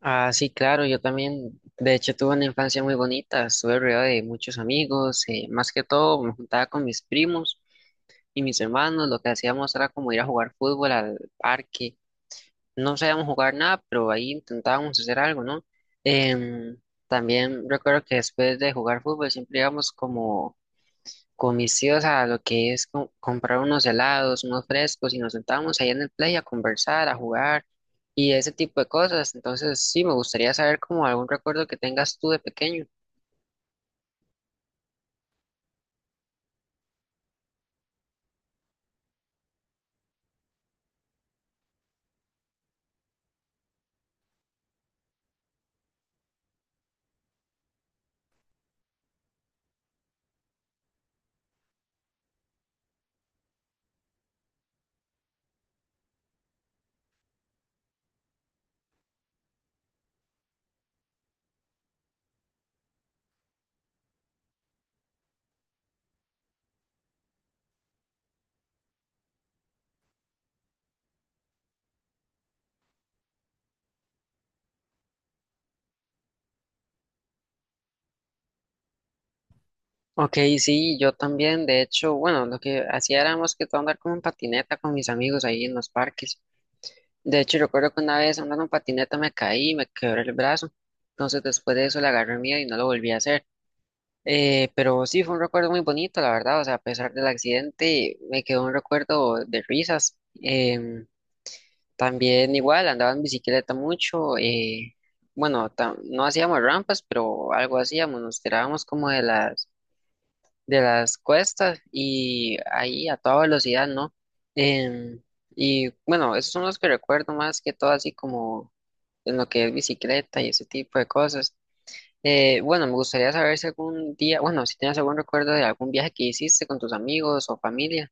Ah, sí, claro, yo también, de hecho, tuve una infancia muy bonita, estuve rodeado de muchos amigos, más que todo me juntaba con mis primos y mis hermanos, lo que hacíamos era como ir a jugar fútbol al parque, no sabíamos jugar nada, pero ahí intentábamos hacer algo, ¿no? Em, También recuerdo que después de jugar fútbol siempre íbamos como con mis tíos a lo que es comprar unos helados, unos frescos y nos sentábamos ahí en el play a conversar, a jugar y ese tipo de cosas. Entonces, sí, me gustaría saber como algún recuerdo que tengas tú de pequeño. Ok, sí, yo también, de hecho, bueno, lo que hacía era más que todo andar como en patineta con mis amigos ahí en los parques. De hecho, recuerdo que una vez andando en patineta me caí y me quebré el brazo. Entonces, después de eso le agarré miedo y no lo volví a hacer. Pero sí, fue un recuerdo muy bonito, la verdad. O sea, a pesar del accidente, me quedó un recuerdo de risas. Em, También igual, andaba en bicicleta mucho. Bueno, no hacíamos rampas, pero algo hacíamos. Nos tirábamos como de las cuestas y ahí a toda velocidad, ¿no? Em, y bueno, esos son los que recuerdo más que todo, así como en lo que es bicicleta y ese tipo de cosas. Bueno, me gustaría saber si algún día, bueno, si tienes algún recuerdo de algún viaje que hiciste con tus amigos o familia.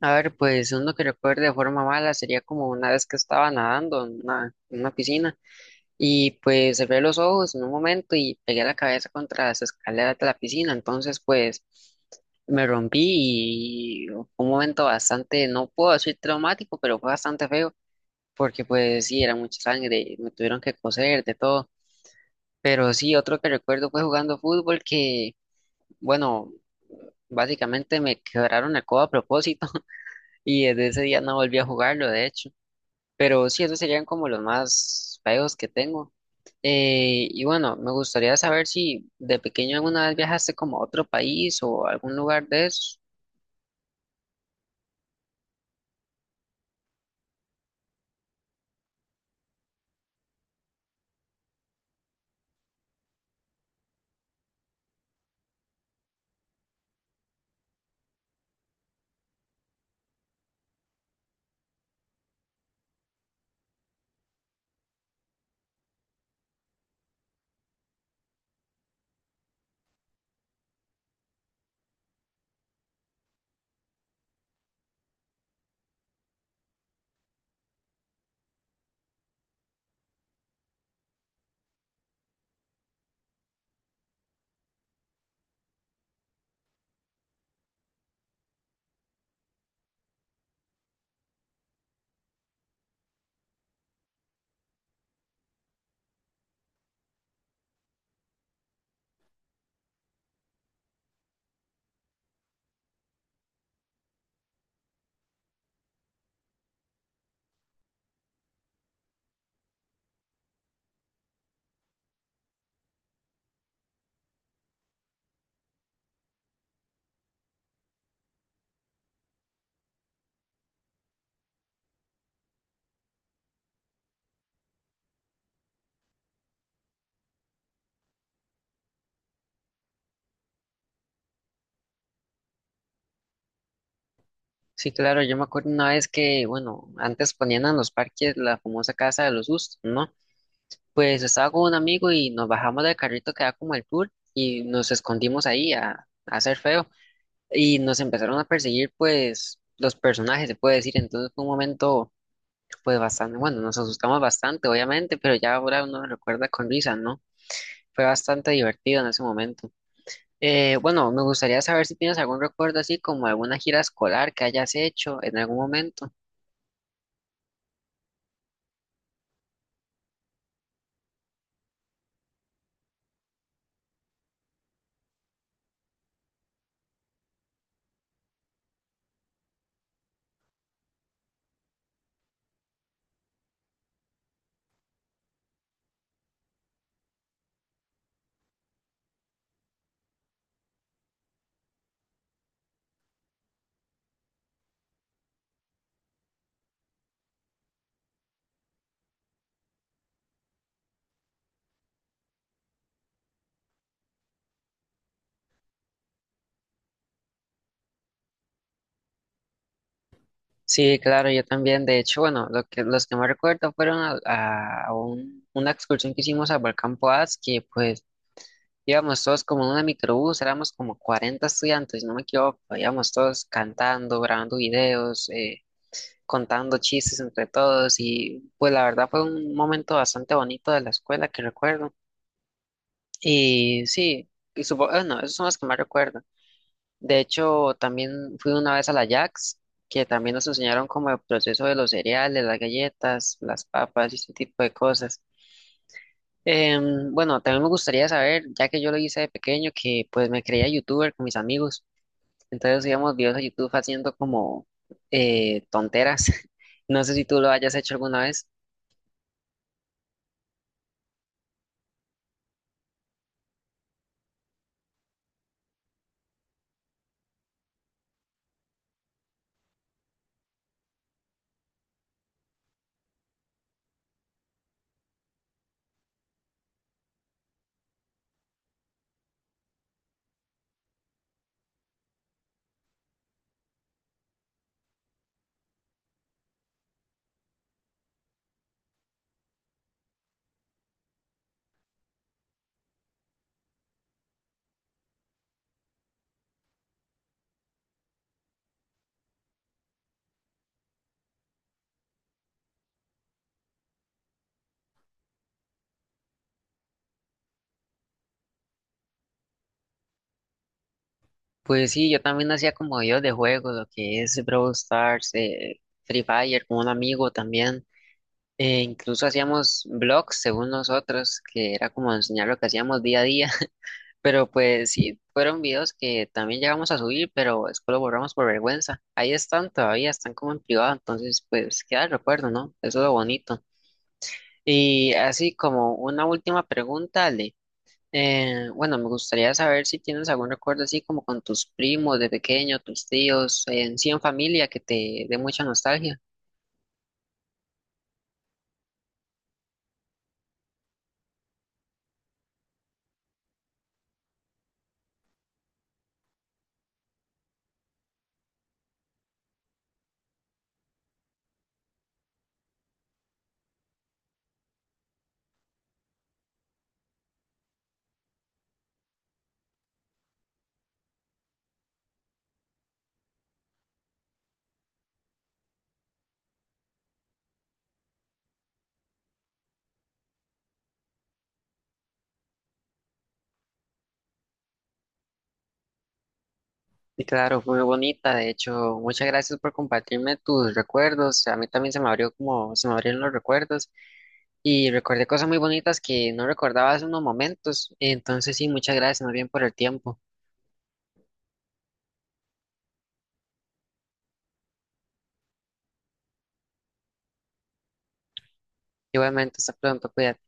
A ver, pues uno que recuerde de forma mala sería como una vez que estaba nadando en una piscina y pues cerré los ojos en un momento y pegué la cabeza contra las escaleras de la piscina. Entonces, pues me rompí y fue un momento bastante, no puedo decir traumático, pero fue bastante feo porque pues sí, era mucha sangre, me tuvieron que coser de todo. Pero sí, otro que recuerdo fue jugando fútbol que, bueno, básicamente me quebraron el codo a propósito y desde ese día no volví a jugarlo, de hecho. Pero sí, esos serían como los más feos que tengo. Y bueno, me gustaría saber si de pequeño alguna vez viajaste como a otro país o a algún lugar de eso. Sí, claro, yo me acuerdo una vez que, bueno, antes ponían en los parques la famosa casa de los sustos, ¿no? Pues estaba con un amigo y nos bajamos del carrito que da como el tour y nos escondimos ahí a hacer feo y nos empezaron a perseguir pues los personajes, se puede decir, entonces fue un momento pues bastante, bueno, nos asustamos bastante obviamente, pero ya ahora uno lo recuerda con risa, ¿no? Fue bastante divertido en ese momento. Bueno, me gustaría saber si tienes algún recuerdo así como alguna gira escolar que hayas hecho en algún momento. Sí, claro, yo también. De hecho, bueno, lo que, los que más recuerdo fueron a, a una excursión que hicimos al Volcán Poás, que pues íbamos todos como en una microbús, éramos como 40 estudiantes, si no me equivoco, íbamos todos cantando, grabando videos, contando chistes entre todos y pues la verdad fue un momento bastante bonito de la escuela que recuerdo. Y sí, bueno, esos son los que más recuerdo. De hecho, también fui una vez a la Jax, que también nos enseñaron como el proceso de los cereales, las galletas, las papas y ese tipo de cosas. Bueno, también me gustaría saber, ya que yo lo hice de pequeño, que pues me creía youtuber con mis amigos. Entonces íbamos videos a YouTube haciendo como tonteras. No sé si tú lo hayas hecho alguna vez. Pues sí, yo también hacía como videos de juegos, lo que es Brawl Stars, Free Fire, con un amigo también. Incluso hacíamos blogs según nosotros, que era como enseñar lo que hacíamos día a día. Pero pues sí, fueron videos que también llegamos a subir, pero después lo borramos por vergüenza. Ahí están todavía, están como en privado, entonces pues queda el recuerdo, ¿no? Eso es lo bonito. Y así como una última pregunta, Ale. Bueno, me gustaría saber si tienes algún recuerdo así como con tus primos de pequeño, tus tíos, en sí en familia que te dé mucha nostalgia. Y claro, fue muy bonita. De hecho, muchas gracias por compartirme tus recuerdos. A mí también se me abrió como se me abrieron los recuerdos y recordé cosas muy bonitas que no recordaba hace unos momentos. Entonces, sí, muchas gracias más bien por el tiempo. Igualmente, hasta pronto, cuídate.